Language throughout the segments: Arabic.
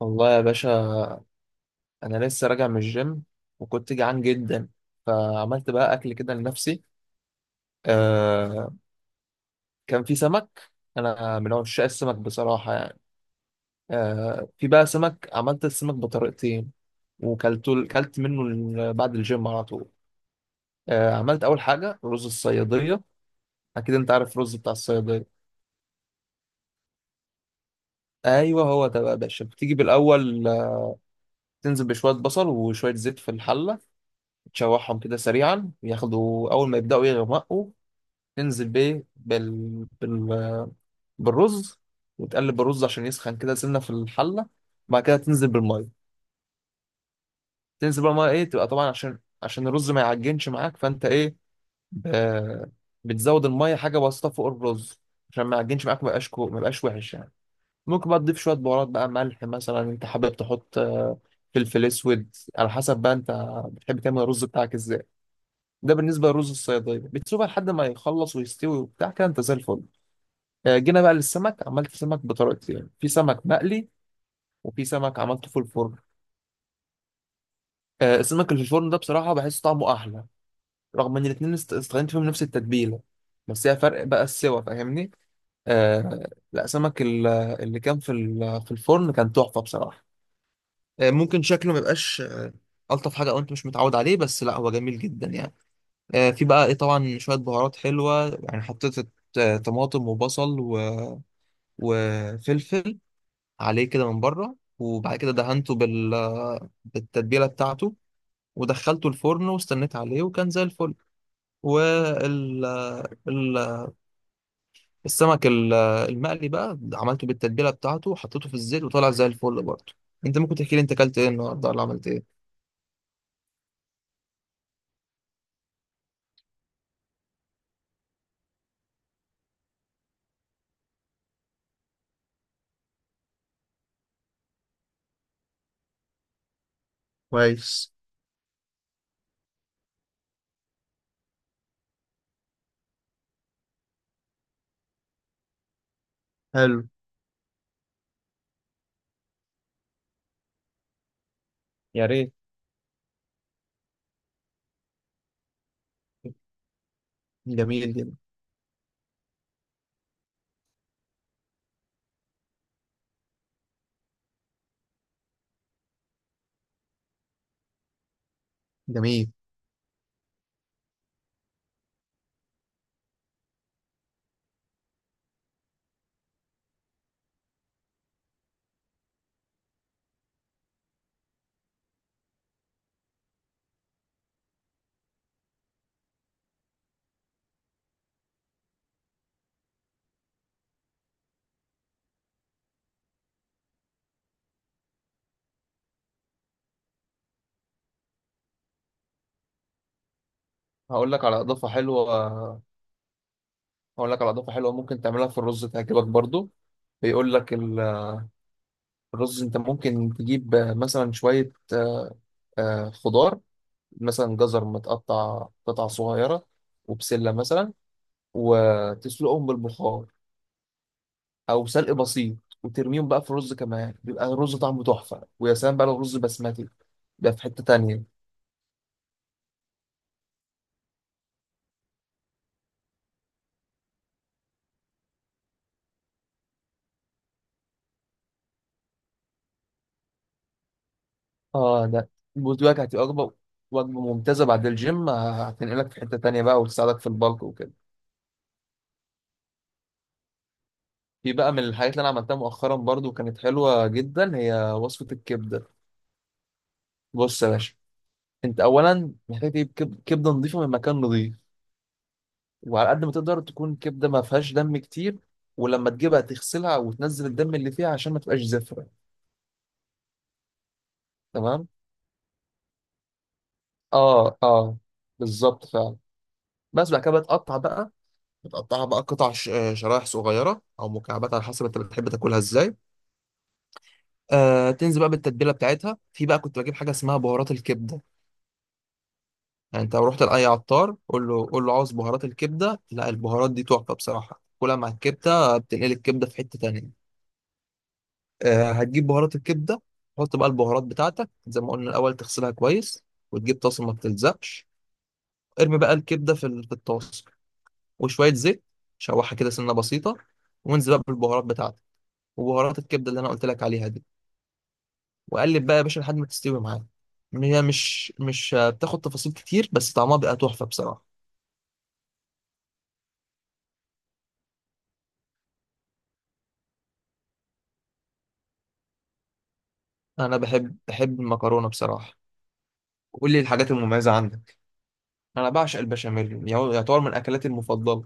والله يا باشا، انا لسه راجع من الجيم وكنت جعان جدا، فعملت بقى اكل كده لنفسي. آه، كان في سمك. انا من عشاق السمك بصراحه يعني. آه، في بقى سمك، عملت السمك بطريقتين وكلته، كلت منه بعد الجيم على طول. آه، عملت اول حاجه رز الصياديه. اكيد انت عارف الرز بتاع الصياديه. ايوه، هو ده بقى يا باشا. بتيجي بالاول، تنزل بشويه بصل وشويه زيت في الحله، تشوحهم كده سريعا ياخدوا، اول ما يبداوا يغمقوا تنزل بيه بالرز، وتقلب الرز عشان يسخن كده سنة في الحلة. بعد كده تنزل بالمية. تنزل بقى المية ايه، تبقى طبعا عشان الرز ما يعجنش معاك، فانت ايه، ب... بتزود المية حاجة بسيطة فوق الرز عشان ما يعجنش معاك، ما يبقاش ما يبقاش وحش يعني. ممكن بقى تضيف شوية بهارات بقى، ملح مثلا انت حابب تحط، فلفل اسود، على حسب بقى انت بتحب تعمل الرز بتاعك ازاي. ده بالنسبة للرز الصيادية، بتسيبها لحد ما يخلص ويستوي وبتاع كده انت زي الفل. آه، جينا بقى للسمك. عملت سمك بطريقتين يعني: في سمك مقلي وفي سمك عملته في الفرن. آه، السمك اللي في الفرن ده بصراحة بحس طعمه أحلى، رغم إن الاتنين استخدمت فيهم نفس التتبيلة، بس هي فرق بقى السوا، فاهمني. آه، لا، سمك اللي كان في الفرن كان تحفة بصراحة. آه، ممكن شكله ما يبقاش ألطف حاجة، أو أنت مش متعود عليه، بس لا، هو جميل جدا يعني. آه، في بقى إيه، طبعا شوية بهارات حلوة يعني حطيت، آه، طماطم وبصل وفلفل عليه كده من بره، وبعد كده دهنته بالتتبيله بتاعته، ودخلته الفرن واستنيت عليه وكان زي الفل. وال ال- السمك المقلي بقى عملته بالتتبيله بتاعته وحطيته في الزيت وطلع زي الفل برضه. انت ممكن تحكي لي انت اكلت ايه النهارده ولا عملت ايه؟ كويس. حلو. يا ريت. جميل جدا. جميل. هقول لك على اضافه حلوه، هقول لك على اضافه حلوه ممكن تعملها في الرز تعجبك برضو. بيقول لك الرز انت ممكن تجيب مثلا شويه، آه، خضار، مثلا جزر متقطع قطع صغيرة، وبسلة مثلا، وتسلقهم بالبخار أو سلق بسيط، وترميهم بقى في الرز. كمان بيبقى الرز طعمه تحفة، ويا سلام بقى لو رز بسمتي، ده في حتة تانية. اه ده بوجبك هتبقى وجبة، وجبة ممتازة بعد الجيم. هتنقلك في حتة تانية بقى، وتساعدك في البلك وكده. في بقى من الحاجات اللي أنا عملتها مؤخرا برضو كانت حلوة جدا، هي وصفة الكبدة. بص يا باشا، انت اولا محتاج تجيب كبده نظيفه من مكان نظيف، وعلى قد ما تقدر تكون كبده ما فيهاش دم كتير. ولما تجيبها تغسلها وتنزل الدم اللي فيها عشان ما تبقاش زفره. تمام. اه، اه، بالظبط فعلا. بس بعد كده بتقطع بقى، بتقطعها بقى قطع شرايح صغيره او مكعبات على حسب انت بتحب تاكلها ازاي. آه، تنزل بقى بالتتبيله بتاعتها. في بقى كنت بجيب حاجه اسمها بهارات الكبده. يعني انت لو رحت لاي عطار قول له عاوز بهارات الكبده. لا، البهارات دي تحفه بصراحه، كلها مع الكبده بتنقل الكبده في حته تانيه. آه، هتجيب بهارات الكبده، تحط بقى البهارات بتاعتك. زي ما قلنا الاول تغسلها كويس، وتجيب طاسه ما بتلزقش، ارمي بقى الكبده في الطاسه وشويه زيت، شوحها كده سنه بسيطه، وانزل بقى بالبهارات بتاعتك وبهارات الكبده اللي انا قلت لك عليها دي، وقلب بقى يا باشا لحد ما تستوي معاك. هي مش بتاخد تفاصيل كتير، بس طعمها بيبقى تحفه بصراحه. انا بحب المكرونه بصراحه. قول لي الحاجات المميزه عندك. انا بعشق البشاميل، يعتبر من اكلاتي المفضله.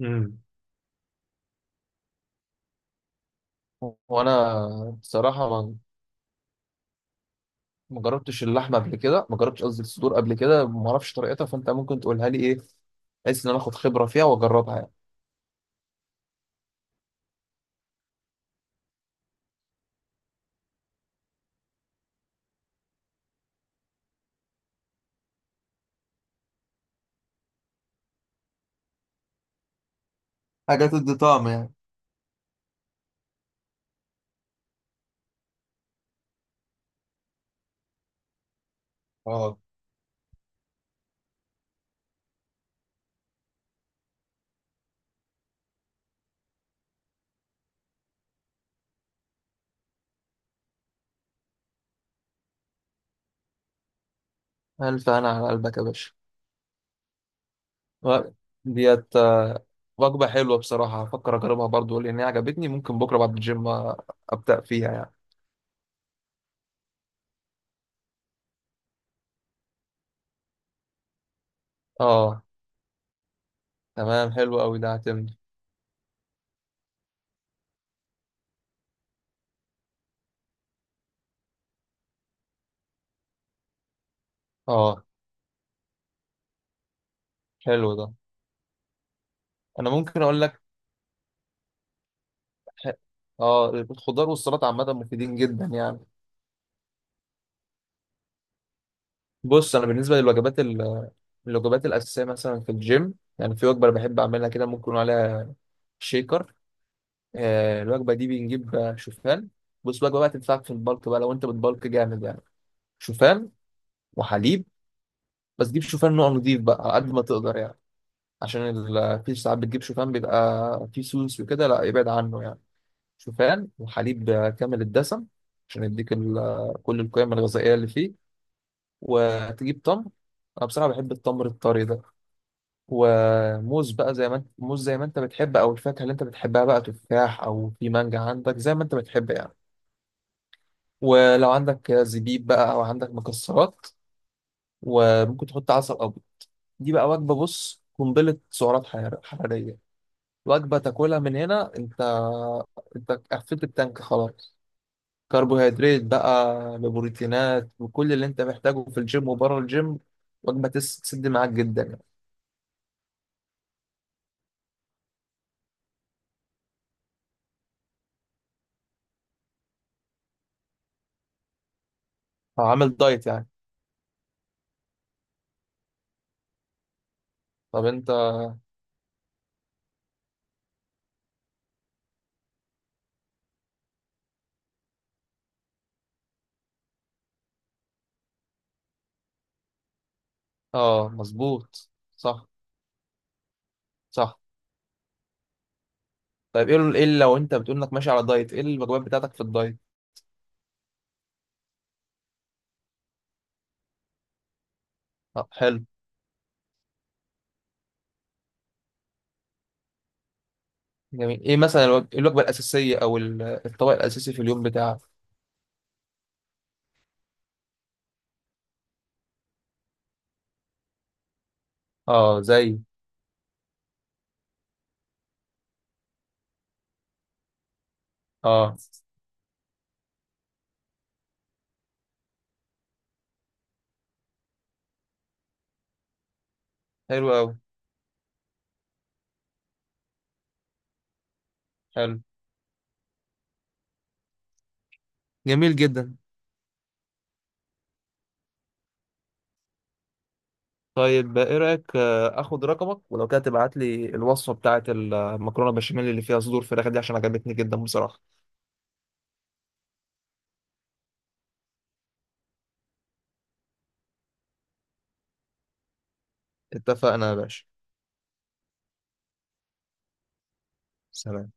امم وانا بصراحه ما جربتش اللحمه قبل كده، ما جربتش قصدي الصدور قبل كده، ما اعرفش طريقتها، فانت ممكن تقولها لي ايه، بحيث ان انا اخد خبره فيها واجربها يعني. حاجة تدي طعم يعني. اه. الف انا على قلبك يا باشا. و- ديت، وجبه حلوه بصراحه، هفكر اجربها برضو لان هي عجبتني. ممكن بكره بعد الجيم ابدا فيها يعني. اه، تمام. حلو قوي ده، هتمني. اه، حلو ده. انا ممكن اقول لك، ح- اه، الخضار والسلطه عامه مفيدين جدا يعني. بص، انا بالنسبه الوجبات الاساسيه مثلا في الجيم، يعني في وجبه أنا بحب اعملها كده ممكن يكون عليها شيكر. الوجبه دي بنجيب، آه، شوفان. بص، وجبه بقى تنفعك في البلك بقى لو انت بتبلك جامد يعني: شوفان وحليب. بس جيب شوفان نوع نضيف بقى على قد ما تقدر يعني، عشان في ساعات بتجيب شوفان بيبقى فيه سوس وكده، لا ابعد عنه يعني. شوفان وحليب، آه، كامل الدسم، عشان يديك كل القيم الغذائيه اللي فيه. وتجيب تمر، انا بصراحه بحب التمر الطري ده، وموز بقى زي ما انت، موز زي ما انت بتحب، او الفاكهه اللي انت بتحبها بقى، تفاح، او في مانجا عندك زي ما انت بتحب يعني. ولو عندك زبيب بقى او عندك مكسرات، وممكن تحط عسل ابيض. دي بقى وجبه، بص، قنبله حراريه. وجبه تاكلها من هنا، انت انت قفلت التانك خلاص. كربوهيدرات بقى ببروتينات وكل اللي انت محتاجه في الجيم وبره الجيم. وجبه تسد معاك جدا يعني. أو عامل دايت يعني. طب انت، اه، مظبوط. صح. صح. طيب، ايه إيه اللي، لو انت بتقول انك ماشي على دايت، ايه الوجبات بتاعتك في الدايت؟ اه حلو. جميل. ايه مثلا إيه الوجبه الاساسيه او الطبق الاساسي في اليوم بتاعك؟ اه زي. اه حلو قوي. حلو. جميل جدا. طيب، ايه رايك اخد رقمك، ولو كده تبعت لي الوصفه بتاعه المكرونه بشاميل اللي فيها صدور فراخ دي، عشان عجبتني جدا بصراحه. اتفقنا يا باشا. سلام.